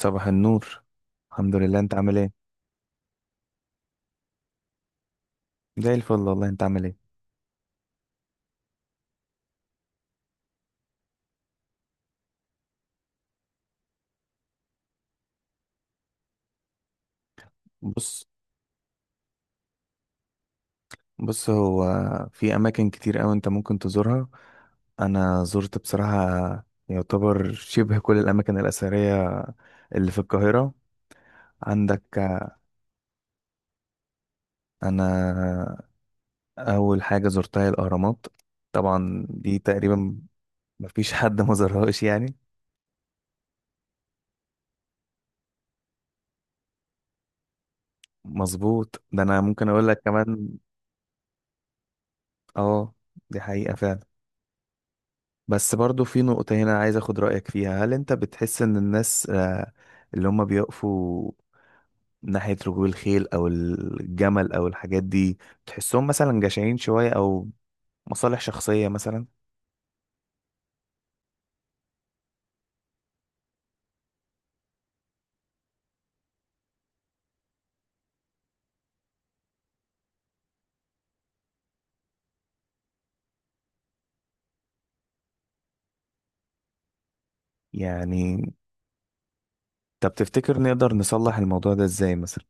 صباح النور. الحمد لله، انت عامل ايه؟ زي الفل والله، انت عامل ايه؟ بص بص هو في اماكن كتير قوي انت ممكن تزورها. انا زرت بصراحة يعتبر شبه كل الاماكن الاثرية اللي في القاهرة. عندك انا اول حاجة زرتها هي الاهرامات، طبعا دي تقريبا مفيش حد ما زارهاش يعني. مظبوط، ده انا ممكن اقول لك كمان، اه دي حقيقة فعلا. بس برضو في نقطة هنا عايز اخد رأيك فيها، هل انت بتحس ان الناس اللي هم بيقفوا ناحية ركوب الخيل او الجمل او الحاجات دي، بتحسهم مثلا جشعين شوية او مصالح شخصية مثلا؟ يعني طب تفتكر نقدر نصلح الموضوع ده ازاي مثلا؟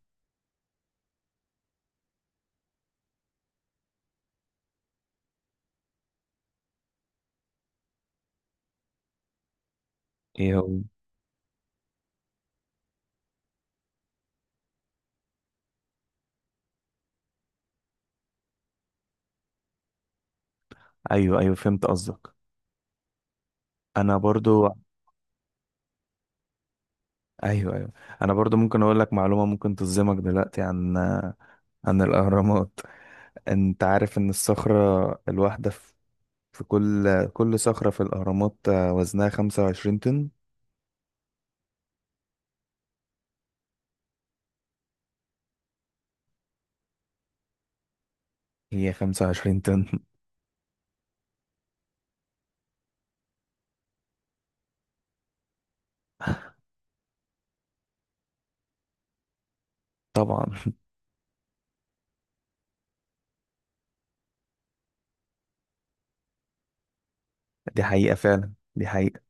ايه هو. ايوه ايوه، فهمت قصدك. انا برضو. ايوه ايوه، انا برضو ممكن اقول لك معلومة ممكن تصدمك دلوقتي عن عن الاهرامات. انت عارف ان الصخرة الواحدة في في كل صخرة في الأهرامات وزنها 25 طن. هي 25 طن طبعا. دي حقيقة فعلا، دي حقيقة.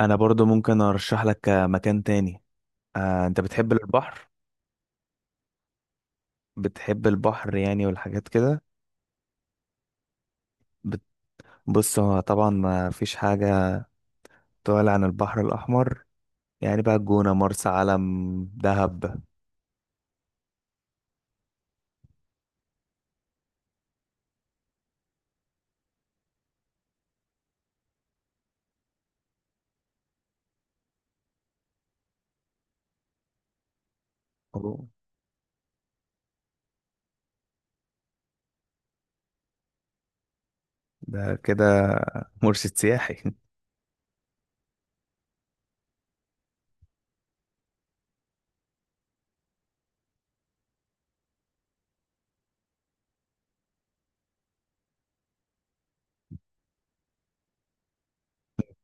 أنا برضو ممكن أرشح لك مكان تاني. أنت بتحب البحر؟ بتحب البحر يعني والحاجات كده؟ بت- بص هو طبعا ما فيش حاجة تعلى عن البحر الأحمر، يعني بقى الجونة، مرسى علم، دهب. أوه، ده كده مرشد سياحي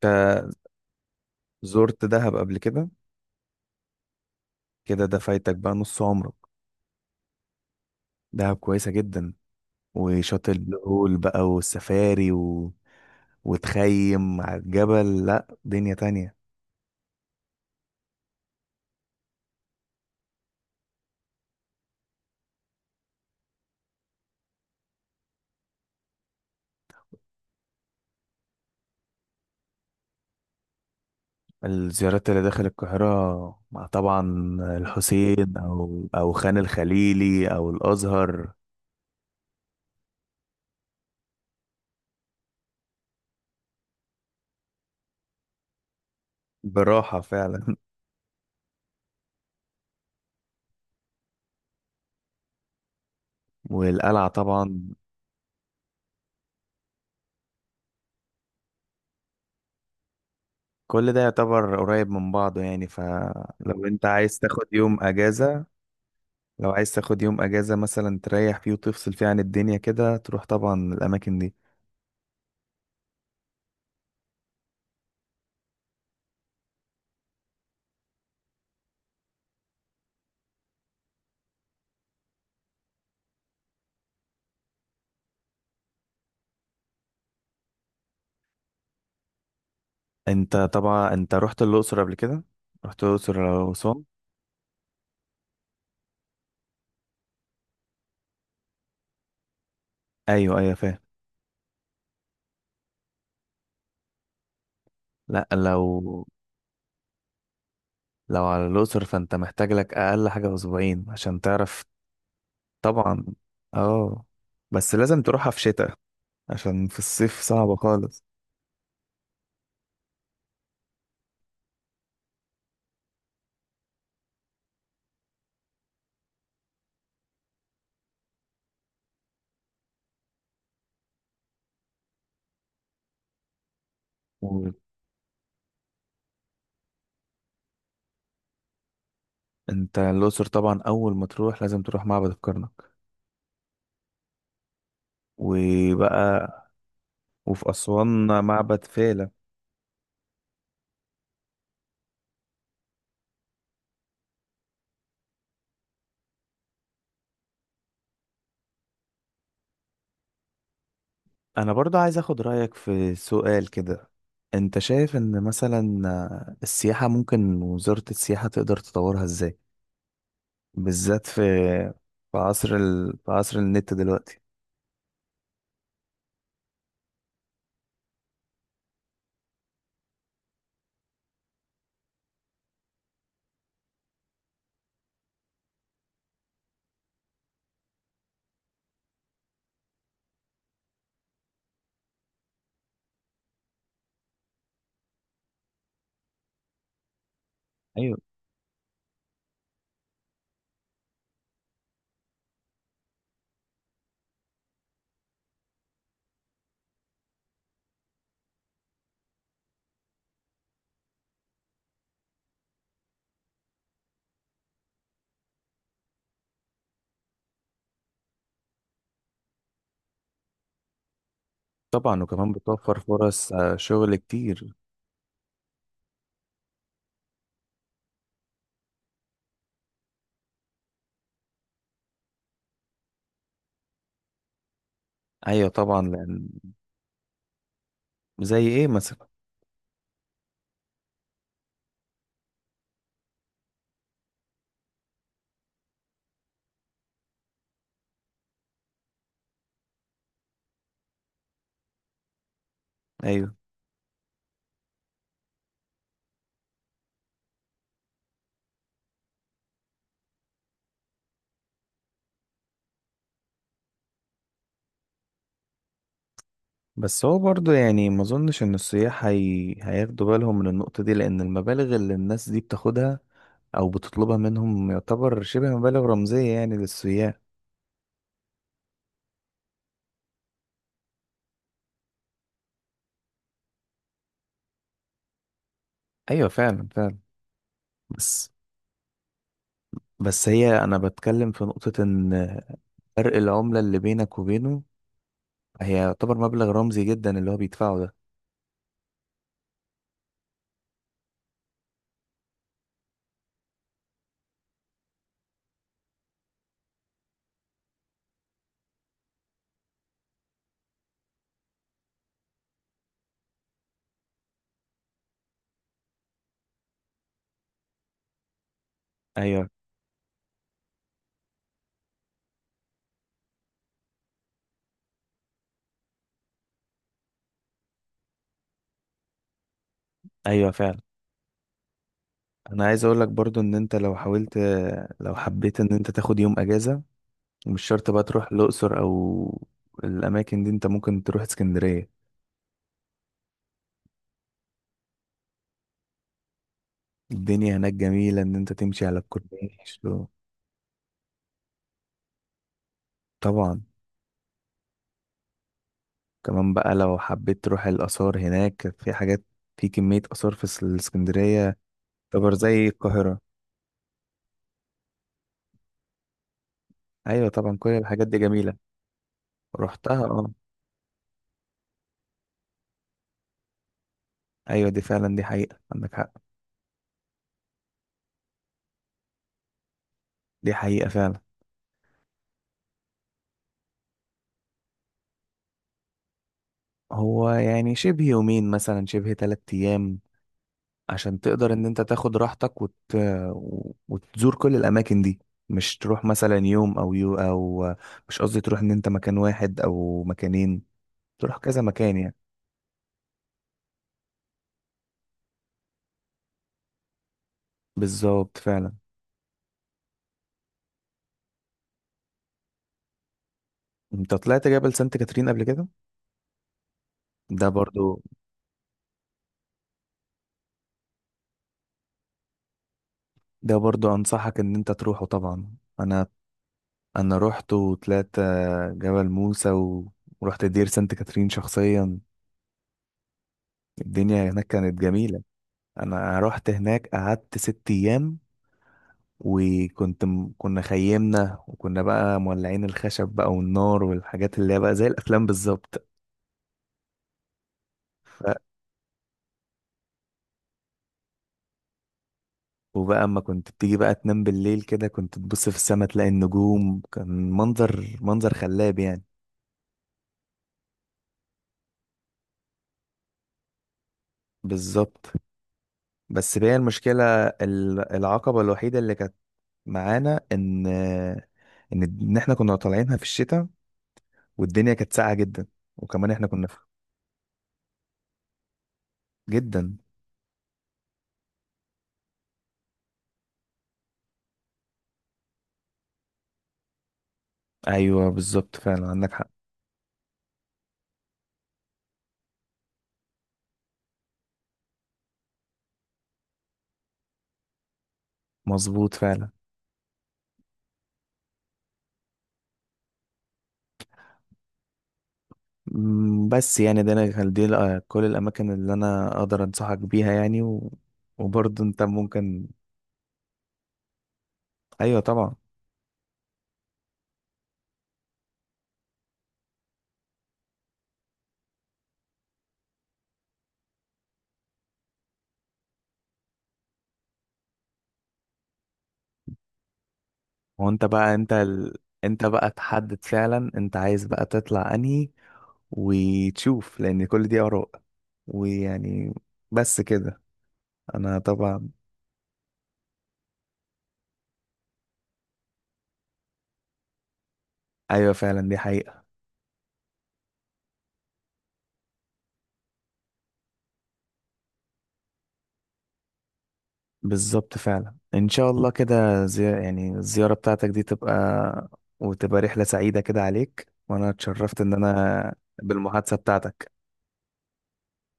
أنت زرت دهب قبل كده؟ كده ده فايتك بقى نص عمرك. دهب كويسة جدا، وشاطئ الهول بقى والسفاري و... وتخيم على الجبل، لا دنيا تانية. الزيارات اللي داخل القاهرة مع طبعا الحسين أو خان الخليلي أو الأزهر. براحة فعلا. والقلعة طبعا. كل ده يعتبر قريب من بعضه يعني، فلو انت عايز تاخد يوم اجازة، لو عايز تاخد يوم اجازة مثلا تريح فيه وتفصل فيه عن الدنيا كده، تروح طبعا الاماكن دي. انت طبعا انت رحت الاقصر قبل كده؟ رحت الاقصر او اسوان؟ ايوه ايوه فاهم. لا لو لو على الاقصر فانت محتاج لك اقل حاجه اسبوعين عشان تعرف. طبعا. اه بس لازم تروحها في شتاء، عشان في الصيف صعبه خالص. وانت الاقصر طبعا اول ما تروح لازم تروح معبد الكرنك. وبقى. وفي اسوان معبد فيلة. انا برضو عايز اخد رأيك في سؤال كده، انت شايف ان مثلا السياحة ممكن وزارة السياحة تقدر تطورها ازاي؟ بالذات في في عصر ال... في عصر النت دلوقتي. ايوه طبعا، وكمان بتوفر فرص شغل كتير. ايوه طبعا، لان. زي ايه مثلا؟ ايوه. بس هو برضو يعني ما اظنش ان السياح هي... هياخدوا بالهم من النقطة دي، لان المبالغ اللي الناس دي بتاخدها او بتطلبها منهم يعتبر شبه مبالغ رمزية يعني للسياح. ايوه فعلا فعلا. بس. بس هي انا بتكلم في نقطة ان فرق العملة اللي بينك وبينه، هي يعتبر مبلغ رمزي جدا اللي هو بيدفعه ده. ايوه ايوه فعلا. انا عايز اقول لك برضو ان انت لو حاولت، لو حبيت ان انت تاخد يوم اجازة، مش شرط بقى تروح الاقصر او الاماكن دي، انت ممكن تروح اسكندرية. الدنيا هناك جميلة ان انت تمشي على الكورنيش و- طبعا. كمان بقى لو حبيت تروح الاثار، هناك في حاجات، في كمية آثار في الإسكندرية تعتبر زي القاهرة. أيوة طبعا، كل الحاجات دي جميلة. رحتها اه. أيوة دي فعلا، دي حقيقة، عندك حق. دي حقيقة فعلا. هو يعني شبه يومين مثلا، شبه تلات أيام، عشان تقدر إن أنت تاخد راحتك وت... وتزور كل الأماكن دي. مش تروح مثلا يوم أو يو أو مش قصدي تروح إن أنت مكان واحد أو مكانين، تروح كذا مكان يعني. بالظبط فعلا. أنت طلعت جبل سانت كاترين قبل كده؟ ده برضو. ده برضو أنصحك إن أنت تروحه، طبعا أنا انا رحت وطلعت جبل موسى و- ورحت دير سانت كاترين شخصيا. الدنيا هناك كانت جميلة. انا رحت هناك قعدت ست ايام، وكنت كنا خيمنا وكنا بقى مولعين الخشب بقى والنار والحاجات اللي هي بقى زي الافلام بالظبط. ف... وبقى اما كنت بتيجي بقى تنام بالليل كده، كنت تبص في السماء تلاقي النجوم، كان منظر منظر خلاب يعني. بالظبط. بس بقى المشكلة العقبة الوحيدة اللي كانت معانا ان ان احنا كنا طالعينها في الشتاء، والدنيا كانت ساقعه جدا، وكمان احنا كنا في. جدا. ايوه بالظبط فعلا، عندك حق. مظبوط فعلا. أمم، بس يعني ده انا كان دي كل الاماكن اللي انا اقدر انصحك بيها يعني و... وبرضه انت ممكن. ايوه طبعا. هو انت بقى انت ال... انت بقى تحدد فعلا انت عايز بقى تطلع انهي وتشوف، لان كل دي اراء، ويعني، بس كده. انا طبعا. ايوه فعلا دي حقيقة. بالظبط فعلا، ان شاء الله كده زي... يعني الزيارة بتاعتك دي تبقى، وتبقى رحلة سعيدة كده عليك، وانا اتشرفت ان انا بالمحادثة بتاعتك.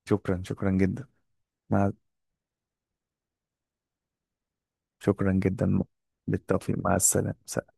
شكرا، شكرا جدا. مع... شكرا جدا. بالتوفيق، مع السلامة.